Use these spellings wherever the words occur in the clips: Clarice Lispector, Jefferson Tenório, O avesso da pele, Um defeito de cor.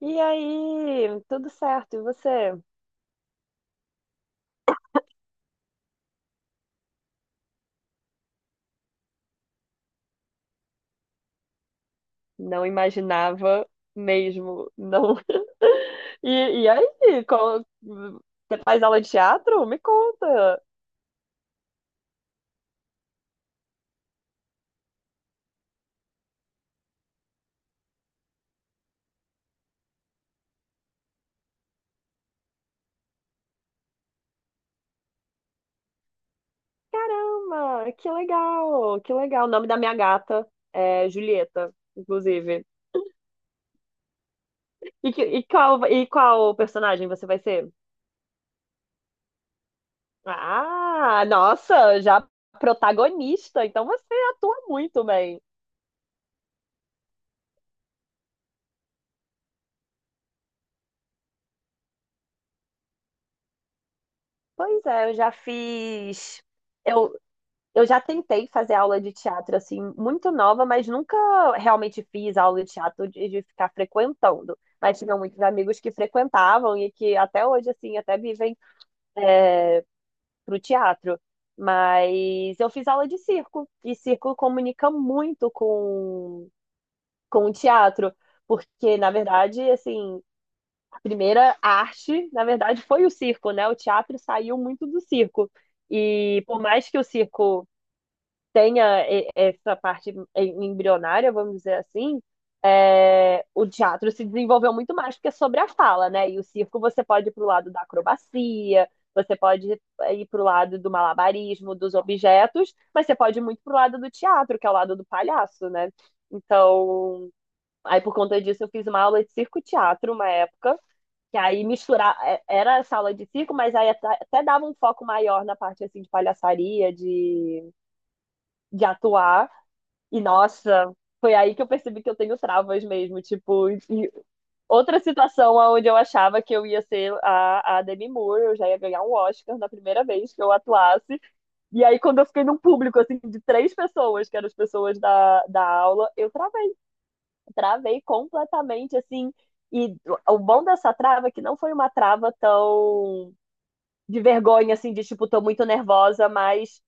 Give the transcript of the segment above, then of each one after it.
E aí, tudo certo, e você? Não imaginava mesmo, não. E, Você faz aula de teatro? Me conta. Caramba, que legal, que legal. O nome da minha gata é Julieta, inclusive. E qual personagem você vai ser? Ah, nossa, já protagonista, então você atua muito bem. Pois é, eu já fiz. Eu já tentei fazer aula de teatro assim, muito nova, mas nunca realmente fiz aula de teatro de ficar frequentando. Mas tinha muitos amigos que frequentavam e que até hoje, assim, até vivem pro teatro. Mas eu fiz aula de circo, e circo comunica muito com o teatro, porque, na verdade, assim, a primeira arte, na verdade, foi o circo, né? O teatro saiu muito do circo. E por mais que o circo embrionária, vamos dizer assim, é, o teatro se desenvolveu muito mais porque é sobre a fala, né? E o circo você pode ir para o lado da acrobacia, você pode ir para o lado do malabarismo, dos objetos, mas você pode ir muito para o lado do teatro, que é o lado do palhaço, né? Então, aí por conta disso eu fiz uma aula de circo-teatro uma época, que aí misturar, era essa aula de circo, mas aí até dava um foco maior na parte assim de palhaçaria, de atuar. E nossa, foi aí que eu percebi que eu tenho travas mesmo. Tipo, e outra situação onde eu achava que eu ia ser a Demi Moore, eu já ia ganhar um Oscar na primeira vez que eu atuasse. E aí, quando eu fiquei num público assim de três pessoas, que eram as pessoas da aula, eu travei. Travei completamente, assim. E o bom dessa trava é que não foi uma trava tão de vergonha, assim, de tipo, tô muito nervosa, mas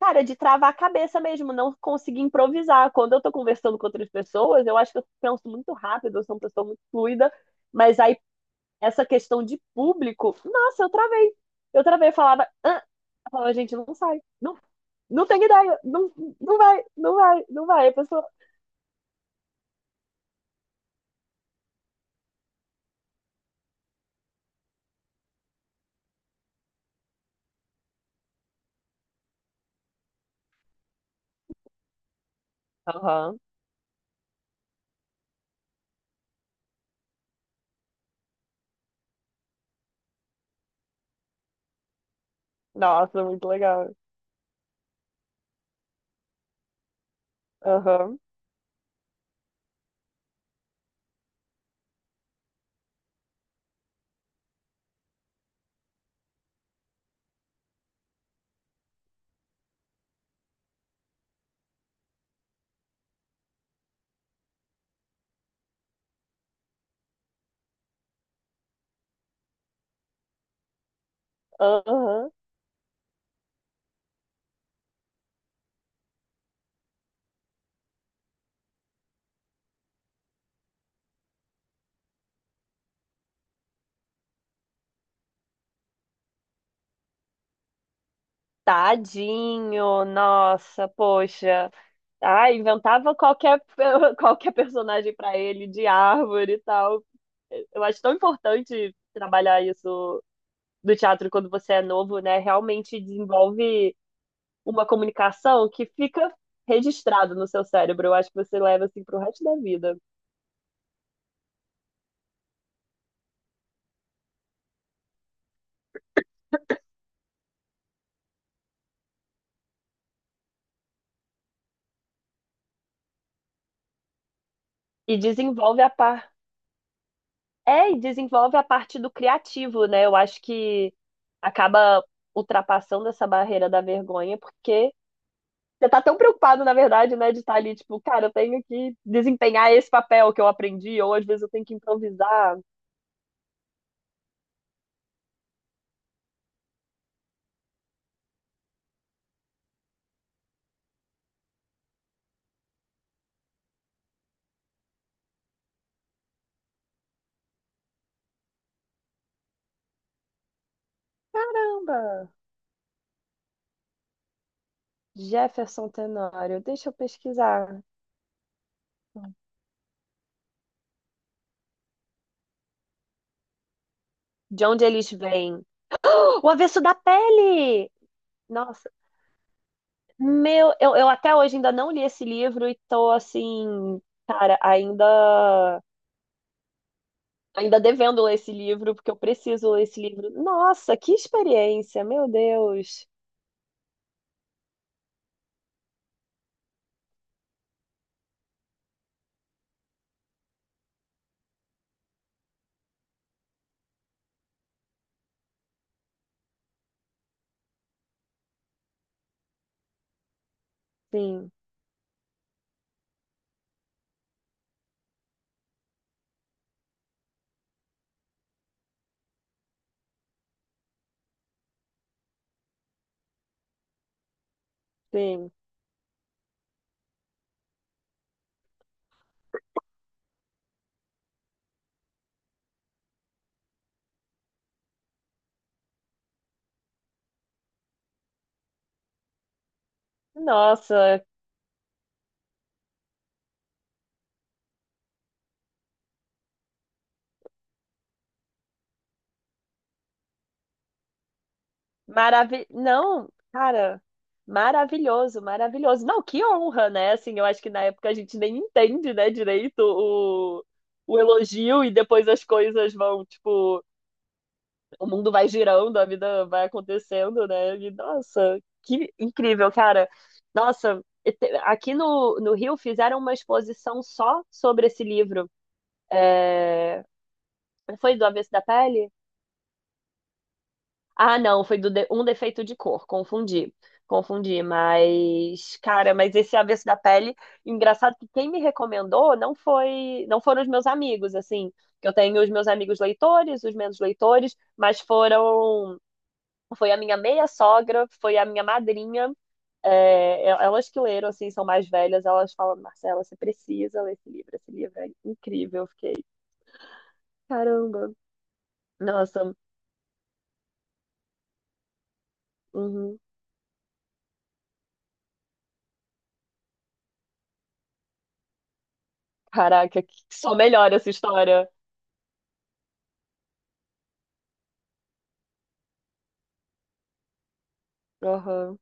cara, de travar a cabeça mesmo, não conseguir improvisar. Quando eu tô conversando com outras pessoas, eu acho que eu penso muito rápido, eu sou uma pessoa muito fluida, mas aí essa questão de público, nossa, eu travei. Eu travei, eu falava, ah, eu falava, gente, não sai, não, não tem ideia, não, não vai, não vai, não vai. A pessoa, aham, nossa, muito legal, aham, aham, tadinho, nossa, poxa. Ah, inventava qualquer, qualquer personagem para ele, de árvore e tal. Eu acho tão importante trabalhar isso do teatro quando você é novo, né? Realmente desenvolve uma comunicação que fica registrada no seu cérebro. Eu acho que você leva assim pro resto da vida. E desenvolve a par... É, e desenvolve a parte do criativo, né? Eu acho que acaba ultrapassando essa barreira da vergonha, porque você tá tão preocupado, na verdade, né, de estar ali, tipo, cara, eu tenho que desempenhar esse papel que eu aprendi, ou às vezes eu tenho que improvisar. Caramba! Jefferson Tenório, deixa eu pesquisar. De onde eles vêm? O avesso da pele! Nossa, meu, eu até hoje ainda não li esse livro e tô assim, cara, ainda devendo ler esse livro, porque eu preciso ler esse livro. Nossa, que experiência, meu Deus. Sim, sim. Nossa, não, cara, maravilhoso, maravilhoso. Não, que honra, né? Assim, eu acho que na época a gente nem entende, né, direito o elogio e depois as coisas vão, tipo, o mundo vai girando, a vida vai acontecendo, né? E, nossa, que incrível, cara. Nossa, aqui no, no Rio fizeram uma exposição só sobre esse livro. É, foi do Avesso da Pele? Ah, não, foi um defeito de cor, confundi. Confundi, mas cara, mas esse avesso da pele, engraçado que quem me recomendou não foram os meus amigos, assim, que eu tenho os meus amigos leitores, os menos leitores, mas foram, foi a minha meia sogra, foi a minha madrinha, é, elas que leram, assim, são mais velhas, elas falam, Marcela, você precisa ler esse livro é incrível, eu fiquei, caramba, nossa, uhum, caraca, que- só melhora essa história. Aham.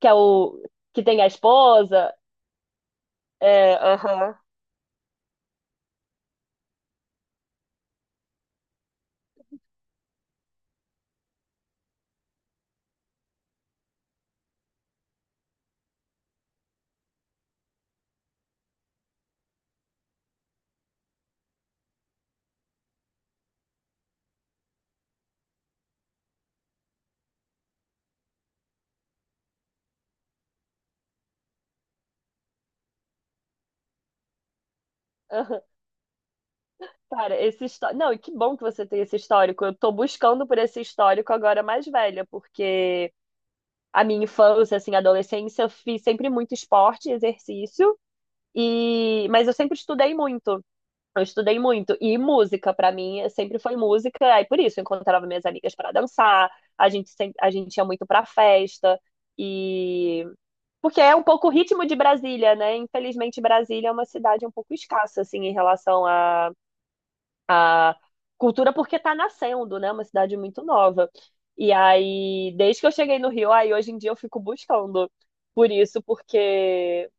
Que é o que tem a esposa. É, aham, aham. Cara, esse histórico. Não, e que bom que você tem esse histórico. Eu tô buscando por esse histórico agora mais velha, porque a minha infância, assim, adolescência, eu fiz sempre muito esporte, e exercício, e mas eu sempre estudei muito. Eu estudei muito. E música, pra mim, sempre foi música. Aí por isso eu encontrava minhas amigas pra dançar, a gente sempre... a gente ia muito pra festa. E porque é um pouco o ritmo de Brasília, né? Infelizmente, Brasília é uma cidade um pouco escassa, assim, em relação à, à cultura, porque está nascendo, né? Uma cidade muito nova. E aí, desde que eu cheguei no Rio, aí hoje em dia eu fico buscando por isso, porque,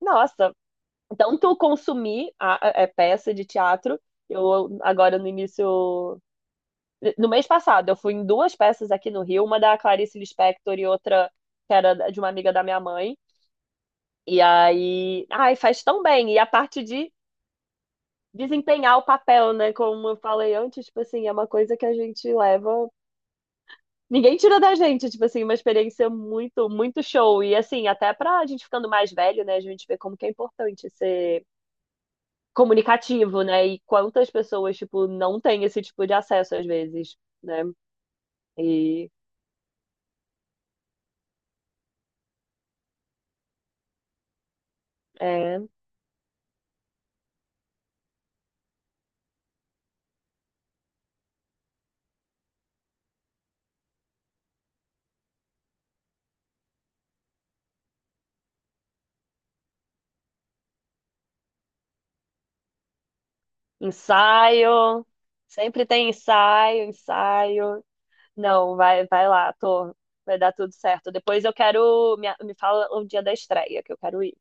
nossa, tanto consumir a é, peça de teatro, eu agora no início, no mês passado, eu fui em duas peças aqui no Rio, uma da Clarice Lispector e outra que era de uma amiga da minha mãe. E aí, ai, faz tão bem. E a parte de desempenhar o papel, né? Como eu falei antes, tipo assim, é uma coisa que a gente leva. Ninguém tira da gente, tipo assim, uma experiência muito, muito show. E assim, até pra gente ficando mais velho, né? A gente vê como que é importante ser comunicativo, né? E quantas pessoas, tipo, não têm esse tipo de acesso às vezes, né? E é, ensaio, sempre tem ensaio, ensaio. Não, vai, vai lá, tô. Vai dar tudo certo. Depois eu quero. Me fala o dia da estreia, que eu quero ir.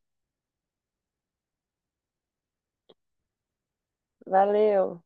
Valeu.